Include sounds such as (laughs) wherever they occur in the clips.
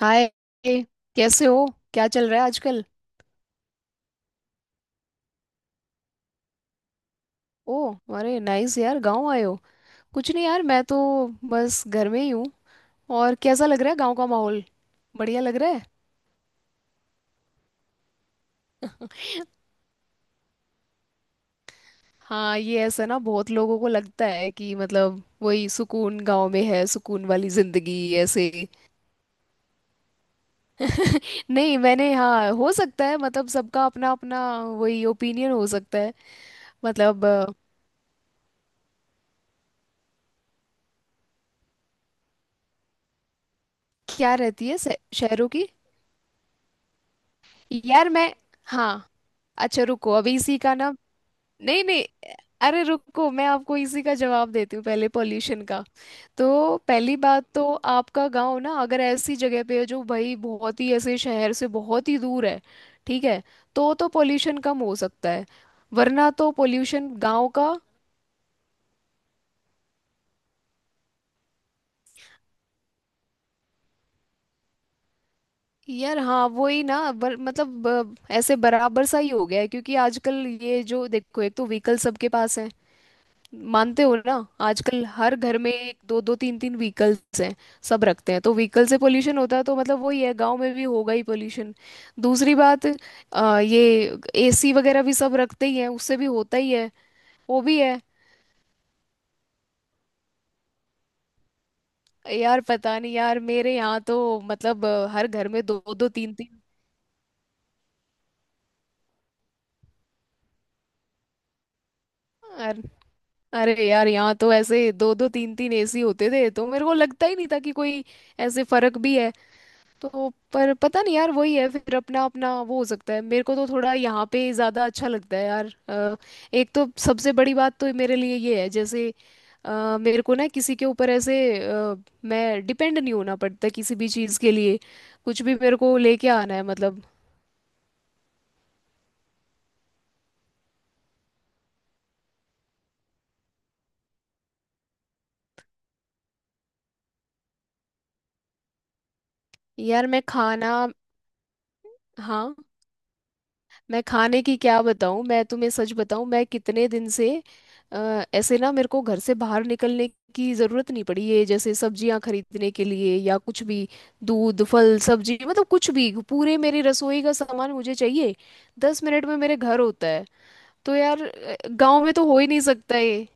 हाय। कैसे हो? क्या चल रहा है आजकल? ओ, अरे नाइस यार, गांव आए हो? कुछ नहीं यार, मैं तो बस घर में ही हूँ। और कैसा लग रहा है गांव का माहौल? बढ़िया लग रहा है? हाँ, ये ऐसा ना, बहुत लोगों को लगता है कि मतलब वही सुकून गांव में है, सुकून वाली जिंदगी। ऐसे? नहीं मैंने, हाँ, हो सकता है, मतलब सबका अपना अपना वही ओपिनियन हो सकता है। मतलब क्या रहती है शहरों की? यार मैं, हाँ, अच्छा रुको अभी इसी का ना। नहीं नहीं, अरे रुको, मैं आपको इसी का जवाब देती हूँ पहले, पॉल्यूशन का। तो पहली बात तो, आपका गांव ना, अगर ऐसी जगह पे है जो भाई बहुत ही ऐसे शहर से बहुत ही दूर है, ठीक है, तो पॉल्यूशन कम हो सकता है, वरना तो पॉल्यूशन गांव का। यार हाँ वही ना, मतलब ऐसे बराबर सा ही हो गया है, क्योंकि आजकल ये जो देखो, एक तो व्हीकल सबके पास है, मानते हो ना? आजकल हर घर में एक, दो दो, तीन तीन व्हीकल्स हैं, सब रखते हैं, तो व्हीकल से पोल्यूशन होता है, तो मतलब वही है, गांव में भी होगा ही पोल्यूशन। दूसरी बात ये एसी वगैरह भी सब रखते ही हैं, उससे भी होता ही है। वो भी है। यार पता नहीं यार, मेरे यहाँ तो मतलब हर घर में दो दो, तीन तीन। अर- अरे यार, यहाँ तो ऐसे दो दो, तीन तीन एसी होते थे, तो मेरे को लगता ही नहीं था कि कोई ऐसे फर्क भी है। तो पर पता नहीं यार, वही है फिर, अपना अपना वो, हो सकता है, मेरे को तो थोड़ा यहाँ पे ज़्यादा अच्छा लगता है यार। एक तो सबसे बड़ी बात तो मेरे लिए ये है, जैसे मेरे को ना किसी के ऊपर ऐसे अ, मैं डिपेंड नहीं होना पड़ता किसी भी चीज़ के लिए। कुछ भी मेरे को लेके आना है मतलब। यार मैं खाना, हाँ, मैं खाने की क्या बताऊं, मैं तुम्हें सच बताऊं, मैं कितने दिन से ऐसे ना मेरे को घर से बाहर निकलने की ज़रूरत नहीं पड़ी है, जैसे सब्जियां खरीदने के लिए या कुछ भी, दूध, फल, सब्जी, मतलब कुछ भी पूरे मेरी रसोई का सामान मुझे चाहिए, 10 मिनट में मेरे घर होता है। तो यार गांव में तो हो ही नहीं सकता ये।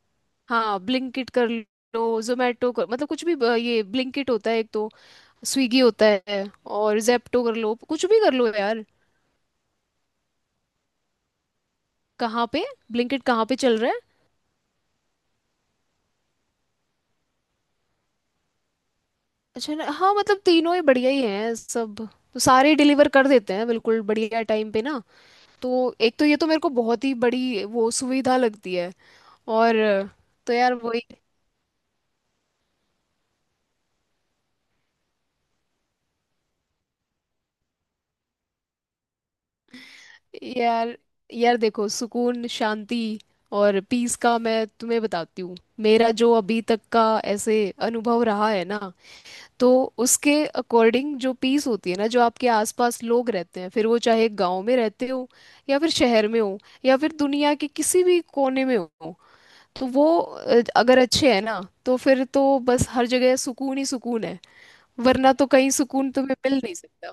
हाँ, ब्लिंकिट कर लो, जोमेटो कर, मतलब कुछ भी ये ब्लिंकिट होता है एक तो, स्विगी होता है, और जेप्टो कर लो, कुछ भी कर लो यार। कहाँ पे? ब्लिंकिट कहाँ पे चल रहा है? अच्छा, ना हाँ मतलब तीनों ही बढ़िया ही हैं सब, तो सारे डिलीवर कर देते हैं बिल्कुल बढ़िया टाइम पे ना। तो एक तो ये तो मेरे को बहुत ही बड़ी वो सुविधा लगती है, और तो यार वही। यार, यार देखो, सुकून, शांति और पीस का मैं तुम्हें बताती हूँ, मेरा जो अभी तक का ऐसे अनुभव रहा है ना, तो उसके अकॉर्डिंग जो पीस होती है ना, जो आपके आसपास लोग रहते हैं, फिर वो चाहे गांव में रहते हो, या फिर शहर में हो, या फिर दुनिया के किसी भी कोने में हो, तो वो अगर अच्छे हैं ना, तो फिर तो बस हर जगह सुकून ही सुकून है, वरना तो कहीं सुकून तुम्हें मिल नहीं सकता।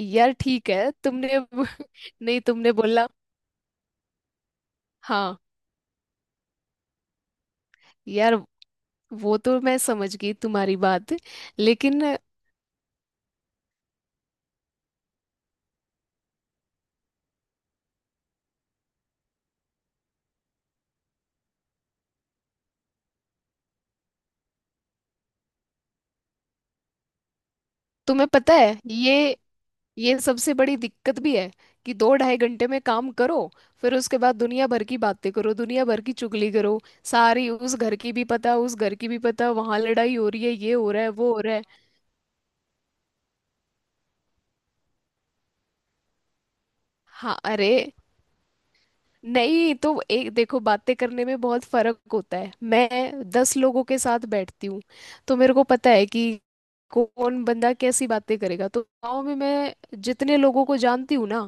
यार ठीक है, तुमने (laughs) नहीं, तुमने बोला। हाँ यार, वो तो मैं समझ गई तुम्हारी बात, लेकिन तुम्हें पता है, ये सबसे बड़ी दिक्कत भी है, कि दो ढाई घंटे में काम करो, फिर उसके बाद दुनिया भर की बातें करो, दुनिया भर की चुगली करो सारी, उस घर की भी पता, उस घर की भी पता, वहां लड़ाई हो रही है, ये हो रहा है, वो हो रहा है। हाँ। अरे नहीं तो एक देखो, बातें करने में बहुत फर्क होता है, मैं 10 लोगों के साथ बैठती हूँ, तो मेरे को पता है कि कौन बंदा कैसी बातें करेगा, तो गाँव में मैं जितने लोगों को जानती हूँ ना,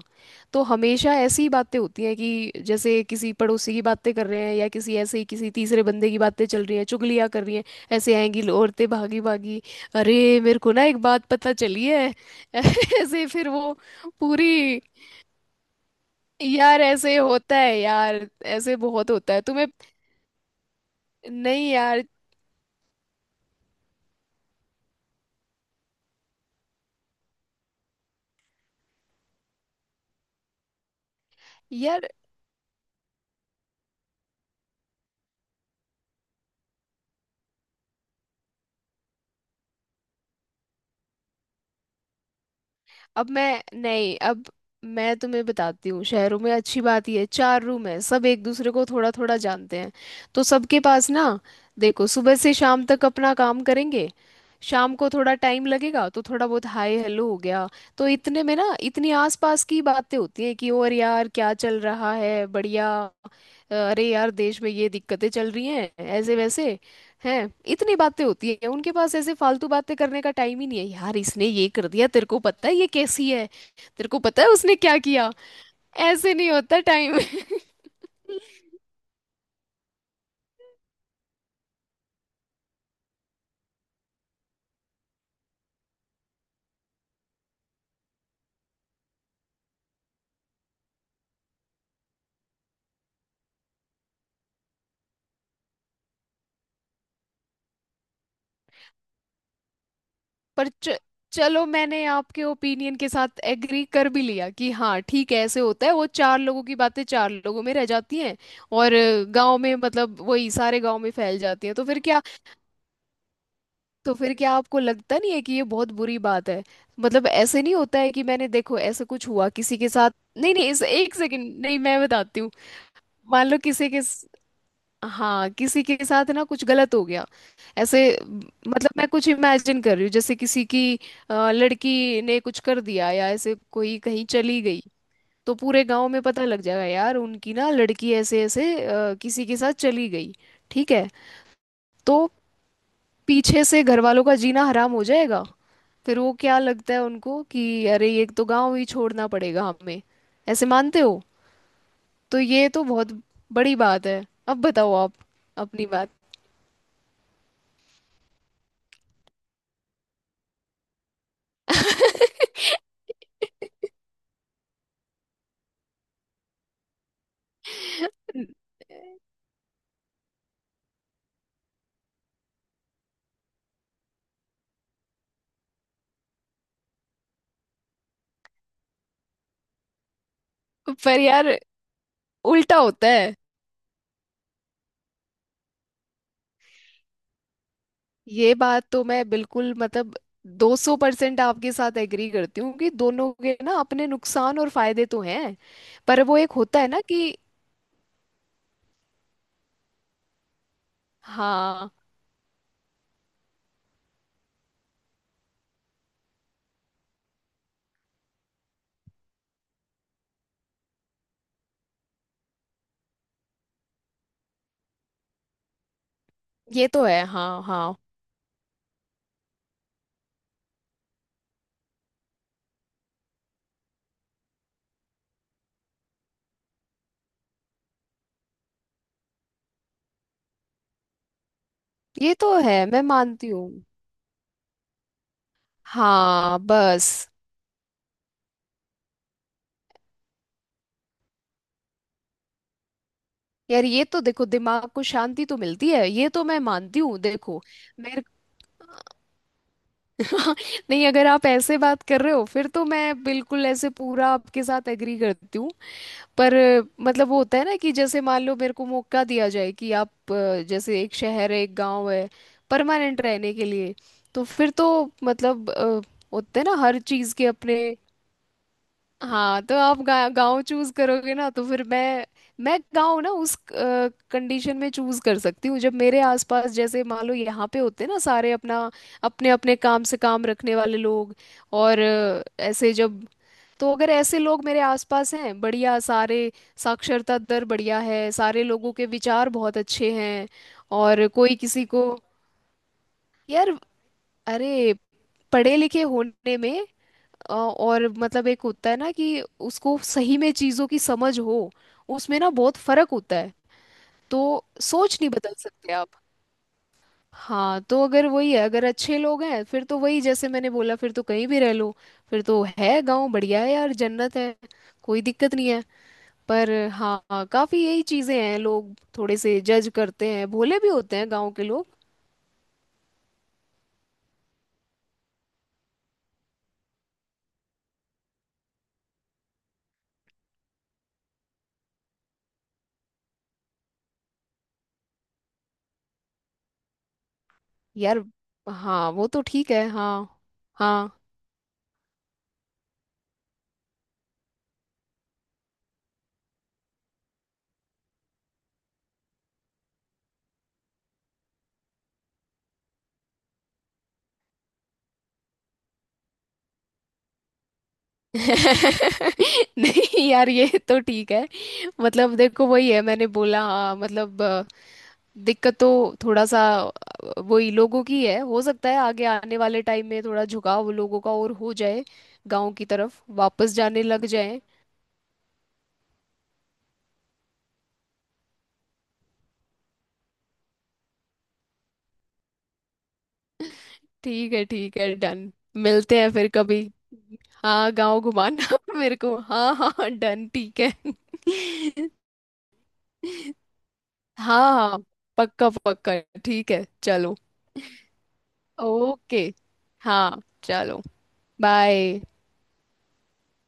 तो हमेशा ऐसी बातें होती हैं कि जैसे किसी पड़ोसी की बातें कर रहे हैं, या किसी ऐसे ही किसी तीसरे बंदे की बातें चल रही हैं, चुगलियाँ कर रही हैं। ऐसे आएंगी औरतें भागी भागी, अरे मेरे को ना एक बात पता चली है। (laughs) ऐसे फिर वो पूरी। यार ऐसे होता है यार, ऐसे बहुत होता है, तुम्हें? नहीं यार, यार। अब मैं, नहीं अब मैं तुम्हें बताती हूँ, शहरों में अच्छी बात ये है, 4 रूम है, सब एक दूसरे को थोड़ा थोड़ा जानते हैं, तो सबके पास ना, देखो सुबह से शाम तक अपना काम करेंगे, शाम को थोड़ा टाइम लगेगा, तो थोड़ा बहुत हाय हेलो हो गया, तो इतने में ना इतनी आसपास की बातें होती हैं कि, और यार क्या चल रहा है बढ़िया, अरे यार देश में ये दिक्कतें चल रही हैं, ऐसे वैसे, हैं इतनी बातें होती है उनके पास, ऐसे फालतू बातें करने का टाइम ही नहीं है यार, इसने ये कर दिया, तेरे को पता है, ये कैसी है, तेरे को पता है उसने क्या किया। ऐसे नहीं होता टाइम। (laughs) पर चलो, मैंने आपके ओपिनियन के साथ एग्री कर भी लिया, कि हाँ ठीक है, ऐसे होता है, वो 4 लोगों की बातें 4 लोगों में रह जाती हैं, और गांव में मतलब वही सारे गांव में फैल जाती हैं, तो फिर क्या? तो फिर क्या आपको लगता नहीं है कि ये बहुत बुरी बात है? मतलब ऐसे नहीं होता है कि मैंने, देखो, ऐसा कुछ हुआ किसी के साथ। नहीं नहीं, इस, एक सेकंड, नहीं मैं बताती हूँ। मान लो किसी के हाँ, किसी के साथ ना कुछ गलत हो गया, ऐसे म, मतलब मैं कुछ इमेजिन कर रही हूँ, जैसे किसी की लड़की ने कुछ कर दिया, या ऐसे कोई कहीं चली गई, तो पूरे गांव में पता लग जाएगा, यार उनकी ना लड़की ऐसे ऐसे किसी के साथ चली गई, ठीक है। तो पीछे से घर वालों का जीना हराम हो जाएगा, फिर वो क्या लगता है उनको, कि अरे ये तो गांव ही छोड़ना पड़ेगा हमें, ऐसे मानते हो? तो ये तो बहुत बड़ी बात है। अब बताओ आप अपनी बात। (laughs) पर यार उल्टा होता है, ये बात तो मैं बिल्कुल मतलब 200% आपके साथ एग्री करती हूँ, कि दोनों के ना अपने नुकसान और फायदे तो हैं। पर वो एक होता है ना कि, हाँ, ये तो है हाँ हाँ, ये तो है मैं मानती हूँ, हाँ बस। यार ये तो देखो, दिमाग को शांति तो मिलती है, ये तो मैं मानती हूँ देखो, मेरे को। (laughs) नहीं, अगर आप ऐसे बात कर रहे हो, फिर तो मैं बिल्कुल ऐसे पूरा आपके साथ एग्री करती हूँ। पर मतलब वो होता है ना, कि जैसे मान लो मेरे को मौका दिया जाए, कि आप जैसे एक शहर है एक गांव है, परमानेंट रहने के लिए, तो फिर तो मतलब होते हैं ना हर चीज़ के अपने। हाँ, तो आप गाँव चूज करोगे ना, तो फिर मैं गाँव ना उस कंडीशन में चूज कर सकती हूँ, जब मेरे आसपास जैसे मान लो यहाँ पे होते ना सारे, अपना अपने अपने काम से काम रखने वाले लोग, और ऐसे जब, तो अगर ऐसे लोग मेरे आसपास हैं बढ़िया सारे, साक्षरता दर बढ़िया है, सारे लोगों के विचार बहुत अच्छे हैं, और कोई किसी को, यार, अरे पढ़े लिखे होने में और मतलब एक होता है ना कि उसको सही में चीजों की समझ हो, उसमें ना बहुत फर्क होता है, तो सोच नहीं बदल सकते आप। हाँ, तो अगर वही है, अगर अच्छे लोग हैं, फिर तो वही जैसे मैंने बोला, फिर तो कहीं भी रह लो, फिर तो है गांव बढ़िया है यार, जन्नत है, कोई दिक्कत नहीं है। पर हाँ हाँ, काफी यही चीजें हैं, लोग थोड़े से जज करते हैं, भोले भी होते हैं गांव के लोग। यार हाँ, वो तो ठीक है हाँ हाँ। (laughs) नहीं यार, ये तो ठीक है, मतलब देखो वही है, मैंने बोला हाँ, मतलब दिक्कत तो थोड़ा सा वही लोगों की है, हो सकता है आगे आने वाले टाइम में थोड़ा झुकाव लोगों का और हो जाए, गांव की तरफ वापस जाने लग जाए। ठीक है ठीक है, डन। मिलते हैं फिर कभी। हाँ गांव घुमाना (laughs) मेरे को, हाँ हाँ हाँ, डन ठीक है। (laughs) हाँ हाँ, पक्का पक्का, ठीक है चलो। ओके। हाँ चलो, बाय।